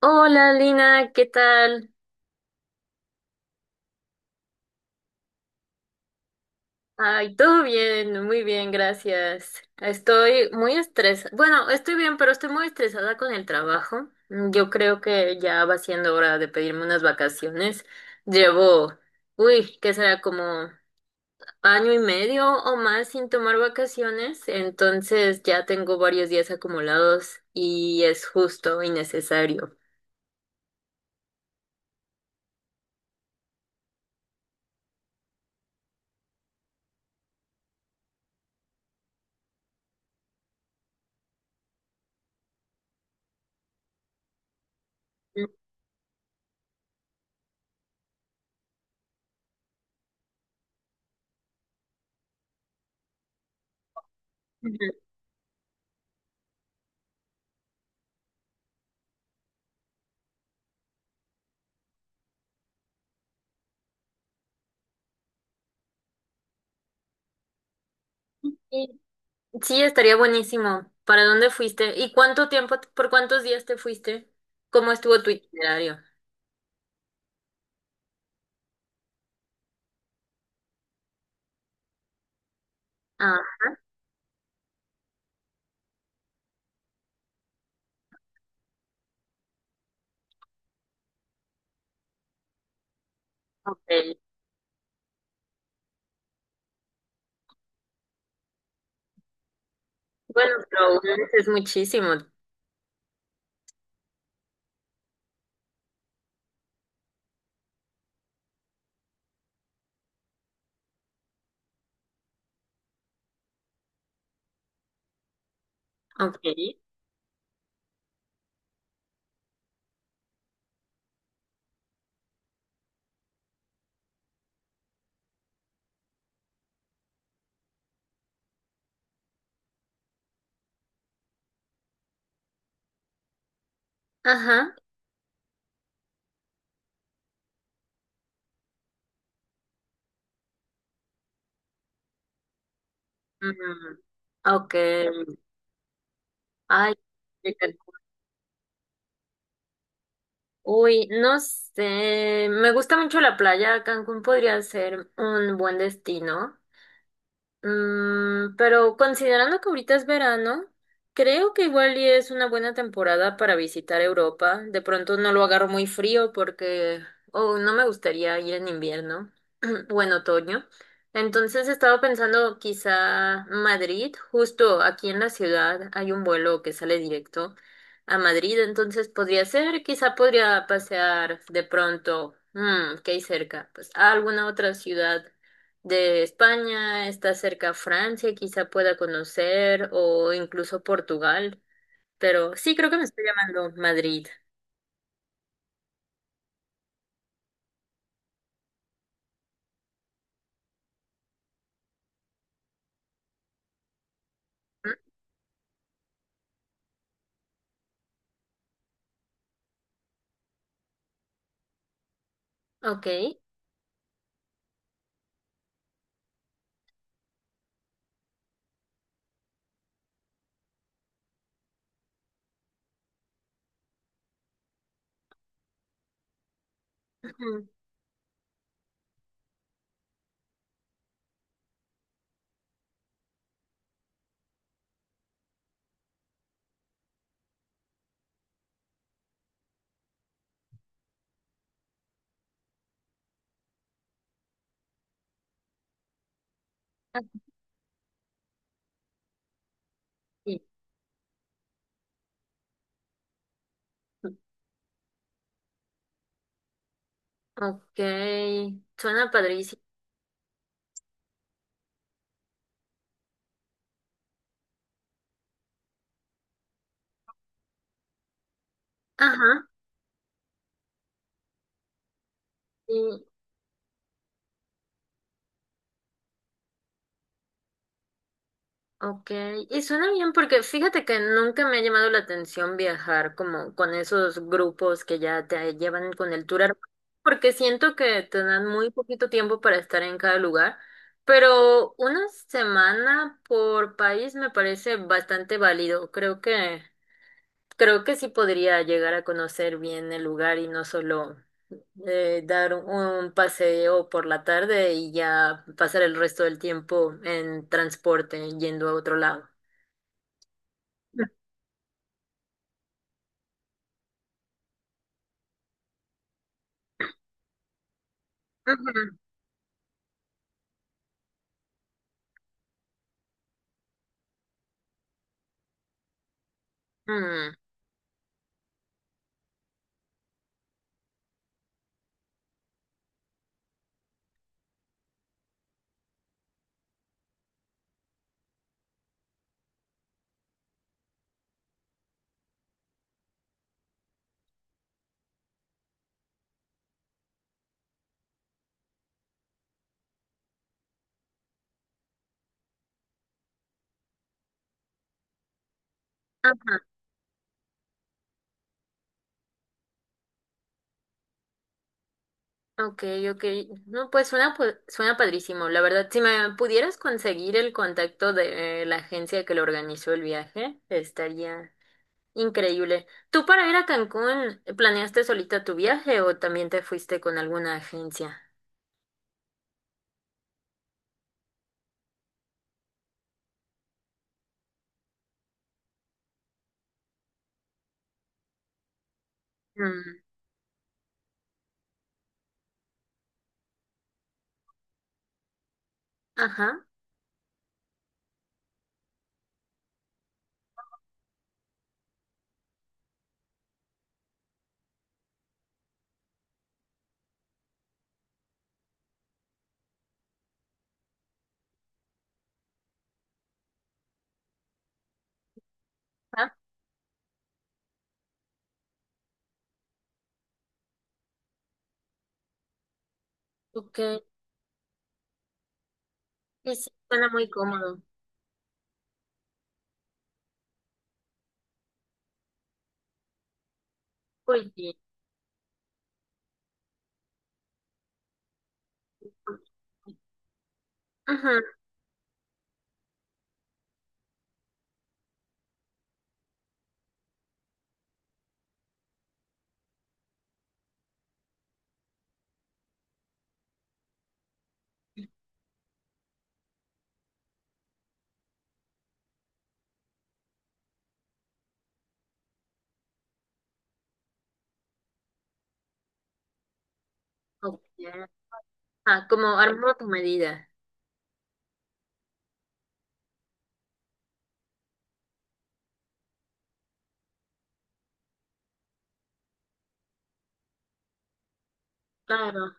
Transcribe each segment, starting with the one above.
Hola Lina, ¿qué tal? Ay, todo bien, muy bien, gracias. Estoy muy estresada. Bueno, estoy bien, pero estoy muy estresada con el trabajo. Yo creo que ya va siendo hora de pedirme unas vacaciones. Llevo, uy, ¿qué será? Como año y medio o más sin tomar vacaciones. Entonces ya tengo varios días acumulados y es justo y necesario. Ujú. Sí, estaría buenísimo. ¿Para dónde fuiste? ¿Y cuánto tiempo, por cuántos días te fuiste? ¿Cómo estuvo tu itinerario? Ah, ok. Bueno, pero un mes es muchísimo. Ok. Ajá. Mm, ok. Ay, de Cancún. Uy, no sé. Me gusta mucho la playa. Cancún podría ser un buen destino. Pero considerando que ahorita es verano, creo que igual y es una buena temporada para visitar Europa. De pronto no lo agarro muy frío porque oh, no me gustaría ir en invierno o en otoño. Entonces estaba pensando quizá Madrid, justo aquí en la ciudad hay un vuelo que sale directo a Madrid, entonces podría ser, quizá podría pasear de pronto, que hay cerca, pues a alguna otra ciudad de España, está cerca Francia, quizá pueda conocer, o incluso Portugal, pero sí creo que me está llamando Madrid. ¿Mm? Ok. Ujú. Ah, sí. Ok, suena padrísimo. Ajá. Sí. Ok, y suena bien porque fíjate que nunca me ha llamado la atención viajar como con esos grupos que ya te llevan con el tour, armado, porque siento que te dan muy poquito tiempo para estar en cada lugar, pero una semana por país me parece bastante válido. Creo que sí podría llegar a conocer bien el lugar y no solo dar un paseo por la tarde y ya pasar el resto del tiempo en transporte yendo a otro lado. Ujú, mm, ok, ok. No, pues suena padrísimo. La verdad, si me pudieras conseguir el contacto de la agencia que lo organizó el viaje, estaría increíble. ¿Tú para ir a Cancún planeaste solita tu viaje o también te fuiste con alguna agencia? Mm, ajá. Ah, ok. Sí, sí, suena muy cómodo. Muy bien. Ujú, ok. Ah, como armó tu medida. Claro.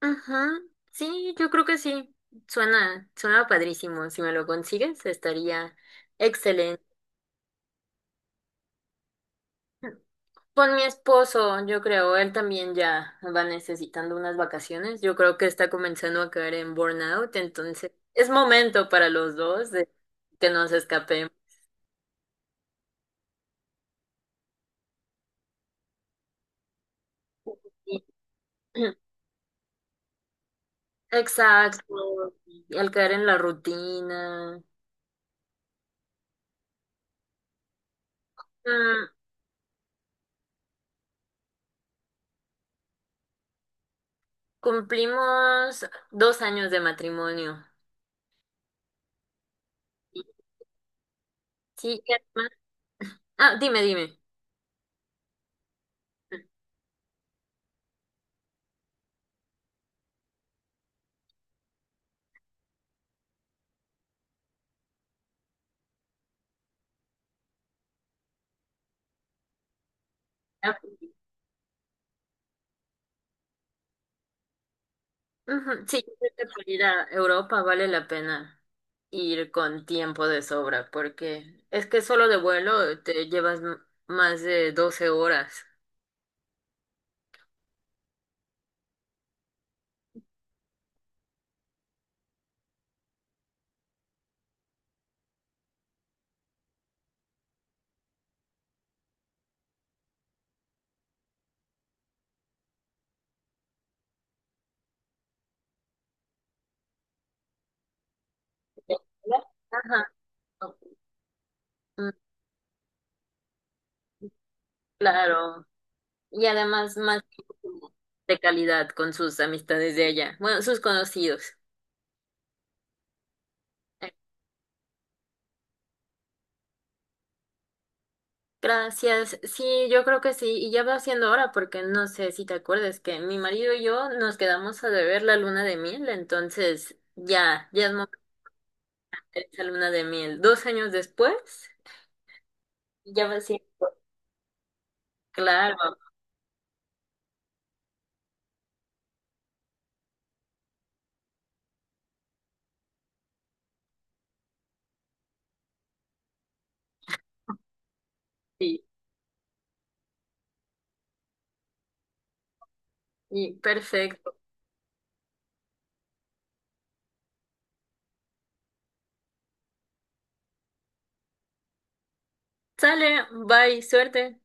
Ajá, sí, yo creo que sí. Suena, suena padrísimo. Si me lo consigues, estaría excelente. Con mi esposo, yo creo, él también ya va necesitando unas vacaciones. Yo creo que está comenzando a caer en burnout, entonces es momento para los dos de que nos escapemos. Sí. Exacto. Y al caer en la rutina. Mm, Cumplimos 2 años de matrimonio. Sí, ah, dime, dime. Ah, ujú, sí, yo creo que para ir a Europa vale la pena ir con tiempo de sobra, porque es que solo de vuelo te llevas más de 12 horas. ¿De vuelo? Ajá. Mm, claro. Y además más tiempo como de calidad con sus amistades de allá, bueno, sus conocidos. Gracias. Sí, yo creo que sí. Y ya va siendo hora porque no sé si te acuerdas que mi marido y yo nos quedamos a deber la luna de miel. Entonces, ya, ya es momento de esa luna de miel. 2 años después, ya va siendo. Claro, sí. Y perfecto. Sale, bye, suerte.